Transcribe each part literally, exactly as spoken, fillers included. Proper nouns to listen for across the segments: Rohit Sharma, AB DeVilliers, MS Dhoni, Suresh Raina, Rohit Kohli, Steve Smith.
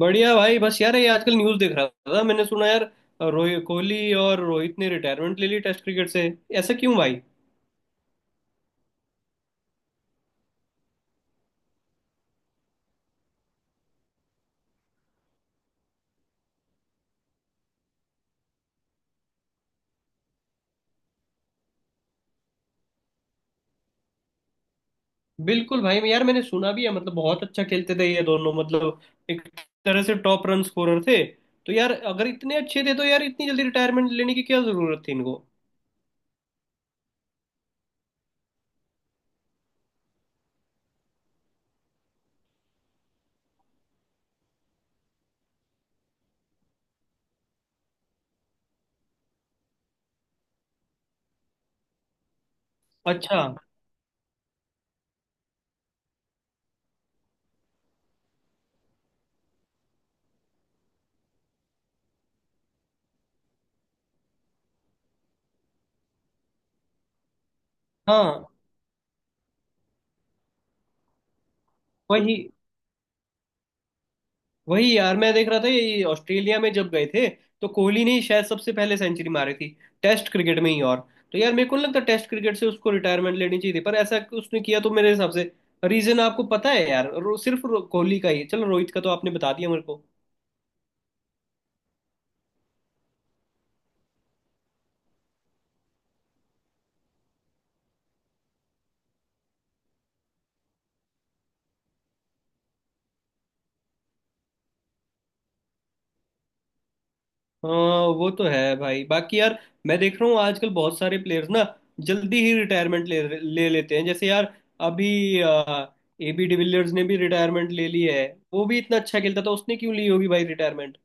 बढ़िया भाई, बस यार ये आजकल न्यूज़ देख रहा था। मैंने सुना यार, रोहित कोहली और रोहित ने रिटायरमेंट ले ली टेस्ट क्रिकेट से। ऐसा क्यों भाई? बिल्कुल भाई। मैं यार, मैंने सुना भी है, मतलब बहुत अच्छा खेलते थे ये दोनों, मतलब एक तरह से टॉप रन स्कोरर थे। तो यार अगर इतने अच्छे थे तो यार, इतनी जल्दी रिटायरमेंट लेने की क्या जरूरत थी इनको? अच्छा। हाँ, वही वही यार, मैं देख रहा था ये ऑस्ट्रेलिया में जब गए थे, तो कोहली ने ही शायद सबसे पहले सेंचुरी मारी थी टेस्ट क्रिकेट में ही। और तो यार, मेरे को नहीं लगता टेस्ट क्रिकेट से उसको रिटायरमेंट लेनी चाहिए थी, पर ऐसा उसने किया। तो मेरे हिसाब से रीजन आपको पता है यार? रो, सिर्फ रो- कोहली का ही है। चलो रोहित का तो आपने बता दिया मेरे को। हाँ वो तो है भाई। बाकी यार मैं देख रहा हूँ आजकल बहुत सारे प्लेयर्स ना जल्दी ही रिटायरमेंट ले ले लेते हैं। जैसे यार अभी एबी डिविलियर्स ने भी रिटायरमेंट ले ली है। वो भी इतना अच्छा खेलता था, उसने क्यों ली होगी भाई रिटायरमेंट?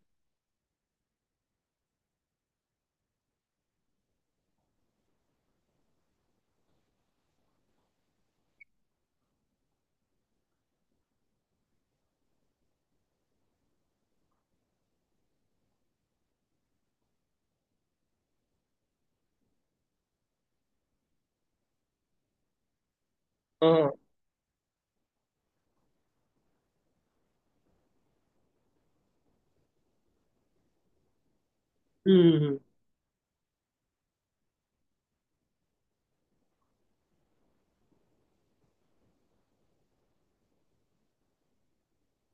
हम्म।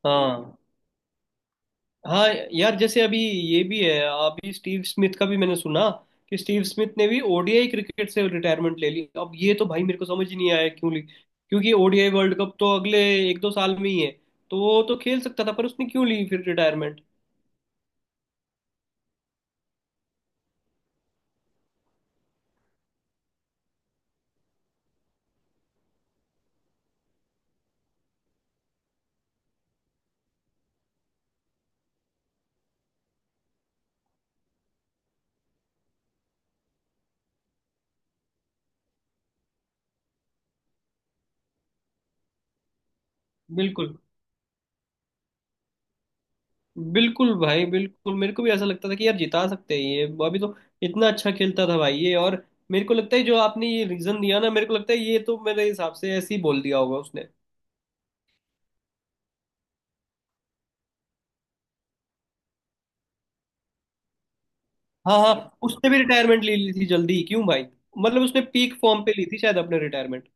हाँ हाँ। यार जैसे अभी ये भी है, अभी स्टीव स्मिथ का भी मैंने सुना कि स्टीव स्मिथ ने भी ओ डी आई क्रिकेट से रिटायरमेंट ले ली। अब ये तो भाई मेरे को समझ ही नहीं आया क्यों ली, क्योंकि O D I world cup तो अगले एक दो साल में ही है। तो वो तो खेल सकता था, पर उसने क्यों ली फिर रिटायरमेंट? बिल्कुल बिल्कुल भाई, बिल्कुल। मेरे को भी ऐसा लगता था कि यार जिता सकते हैं ये, अभी तो इतना अच्छा खेलता था भाई ये। और मेरे को लगता है जो आपने ये रीजन दिया ना, मेरे को लगता है ये तो मेरे हिसाब से ऐसे ही बोल दिया होगा उसने। हाँ हाँ। उसने भी रिटायरमेंट ले ली थी जल्दी, क्यों भाई? मतलब उसने पीक फॉर्म पे ली थी शायद अपने रिटायरमेंट।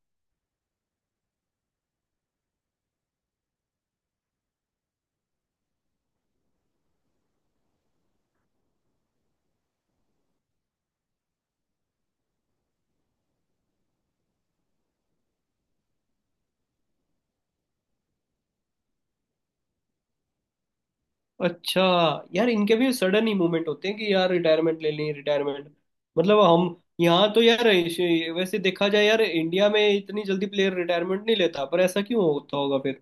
अच्छा। यार इनके भी सडन ही मूवमेंट होते हैं कि यार रिटायरमेंट ले लें रिटायरमेंट। मतलब हम यहाँ तो यार ऐसे- वैसे देखा जाए यार, इंडिया में इतनी जल्दी प्लेयर रिटायरमेंट नहीं लेता, पर ऐसा क्यों होता होगा फिर?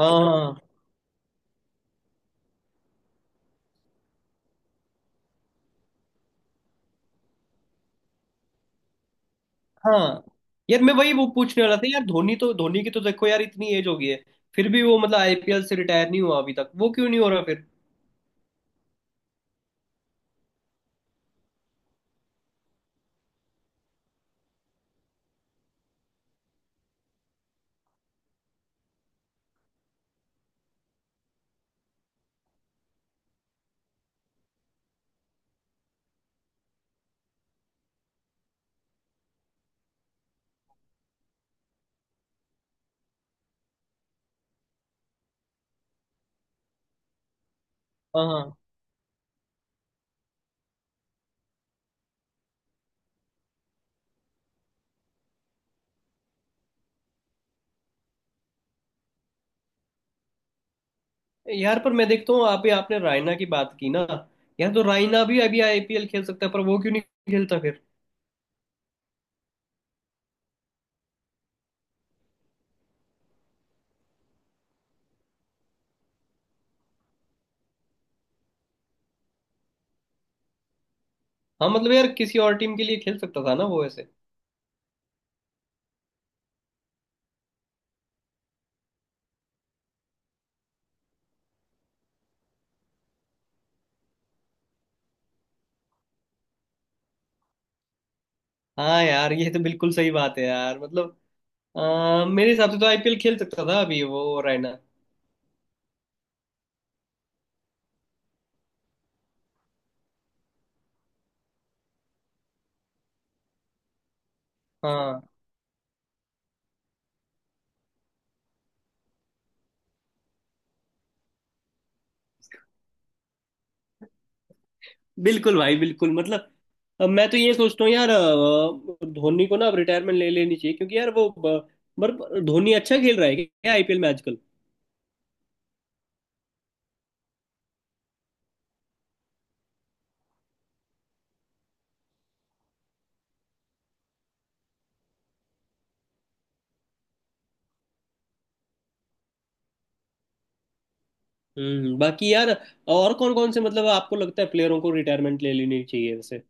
हाँ हाँ हाँ। यार मैं वही वो पूछने वाला था यार, धोनी तो धोनी की तो देखो यार, इतनी एज हो गई है फिर भी वो मतलब आई पी एल से रिटायर नहीं हुआ अभी तक, वो क्यों नहीं हो रहा फिर? हाँ हाँ। यार पर मैं देखता हूँ आप आपने रायना की बात की ना, यार तो रायना भी अभी आई पी एल खेल सकता है, पर वो क्यों नहीं खेलता फिर? हाँ मतलब यार किसी और टीम के लिए खेल सकता था ना वो ऐसे। हाँ यार ये तो बिल्कुल सही बात है यार। मतलब अ, मेरे हिसाब से तो आई पी एल खेल सकता था अभी वो रायना। हाँ बिल्कुल भाई, बिल्कुल। मतलब अब मैं तो ये सोचता हूँ यार, अ, धोनी को ना अब रिटायरमेंट ले लेनी चाहिए क्योंकि यार वो ब- पर धोनी अच्छा खेल रहा है क्या आई पी एल में आजकल? हम्म। बाकी यार और कौन कौन से मतलब आपको लगता है प्लेयरों को रिटायरमेंट ले लेनी चाहिए वैसे?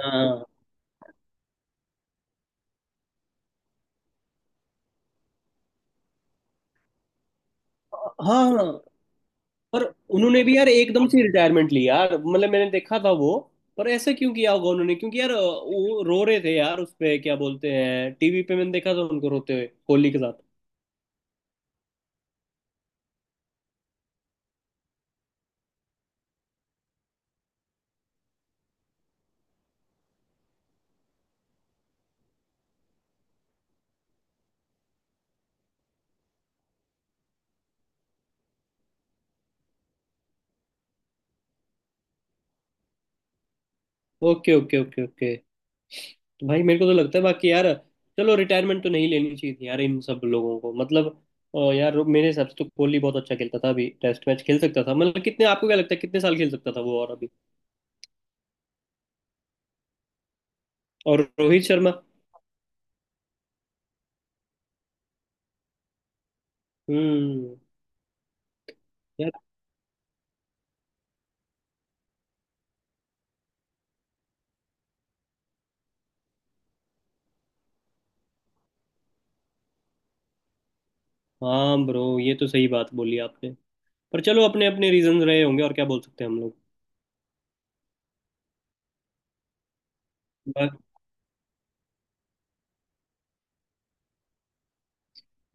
हाँ हाँ हाँ। पर उन्होंने भी यार एकदम से रिटायरमेंट ली यार, मतलब मैंने देखा था वो। पर ऐसे क्यों किया होगा उन्होंने, क्योंकि यार वो रो रहे थे यार उस पे, क्या बोलते हैं, टीवी पे मैंने देखा था उनको रोते हुए कोहली के साथ। Okay okay okay okay. भाई मेरे को तो लगता है, बाकी यार चलो रिटायरमेंट तो नहीं लेनी चाहिए थी यार इन सब लोगों को। मतलब अ, यार मेरे हिसाब से तो कोहली बहुत अच्छा खेलता था, अभी टेस्ट मैच खेल सकता था। मतलब कितने, आपको क्या लगता है कितने साल खेल सकता था वो? और अभी और रोहित शर्मा? हम्म। यार। हाँ ब्रो ये तो सही बात बोली आपने। पर चलो अपने अपने रीजन रहे होंगे, और क्या बोल सकते हैं हम लोग। बा,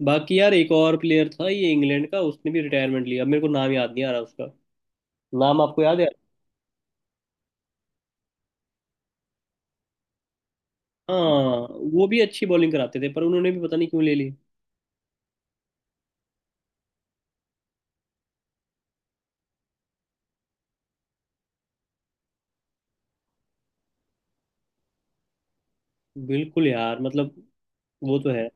बाकी यार एक और प्लेयर था ये इंग्लैंड का, उसने भी रिटायरमेंट लिया। अब मेरे को नाम याद नहीं आ रहा उसका, नाम आपको याद है? हाँ वो भी अच्छी बॉलिंग कराते थे, पर उन्होंने भी पता नहीं क्यों ले ली। बिल्कुल यार, मतलब वो तो है।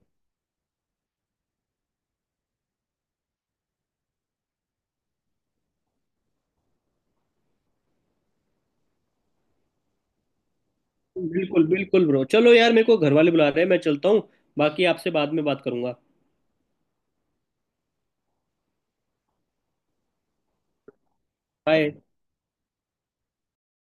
बिल्कुल बिल्कुल ब्रो। चलो यार मेरे को घर वाले बुला रहे हैं, मैं चलता हूँ। बाकी आपसे बाद में बात करूंगा। बाय।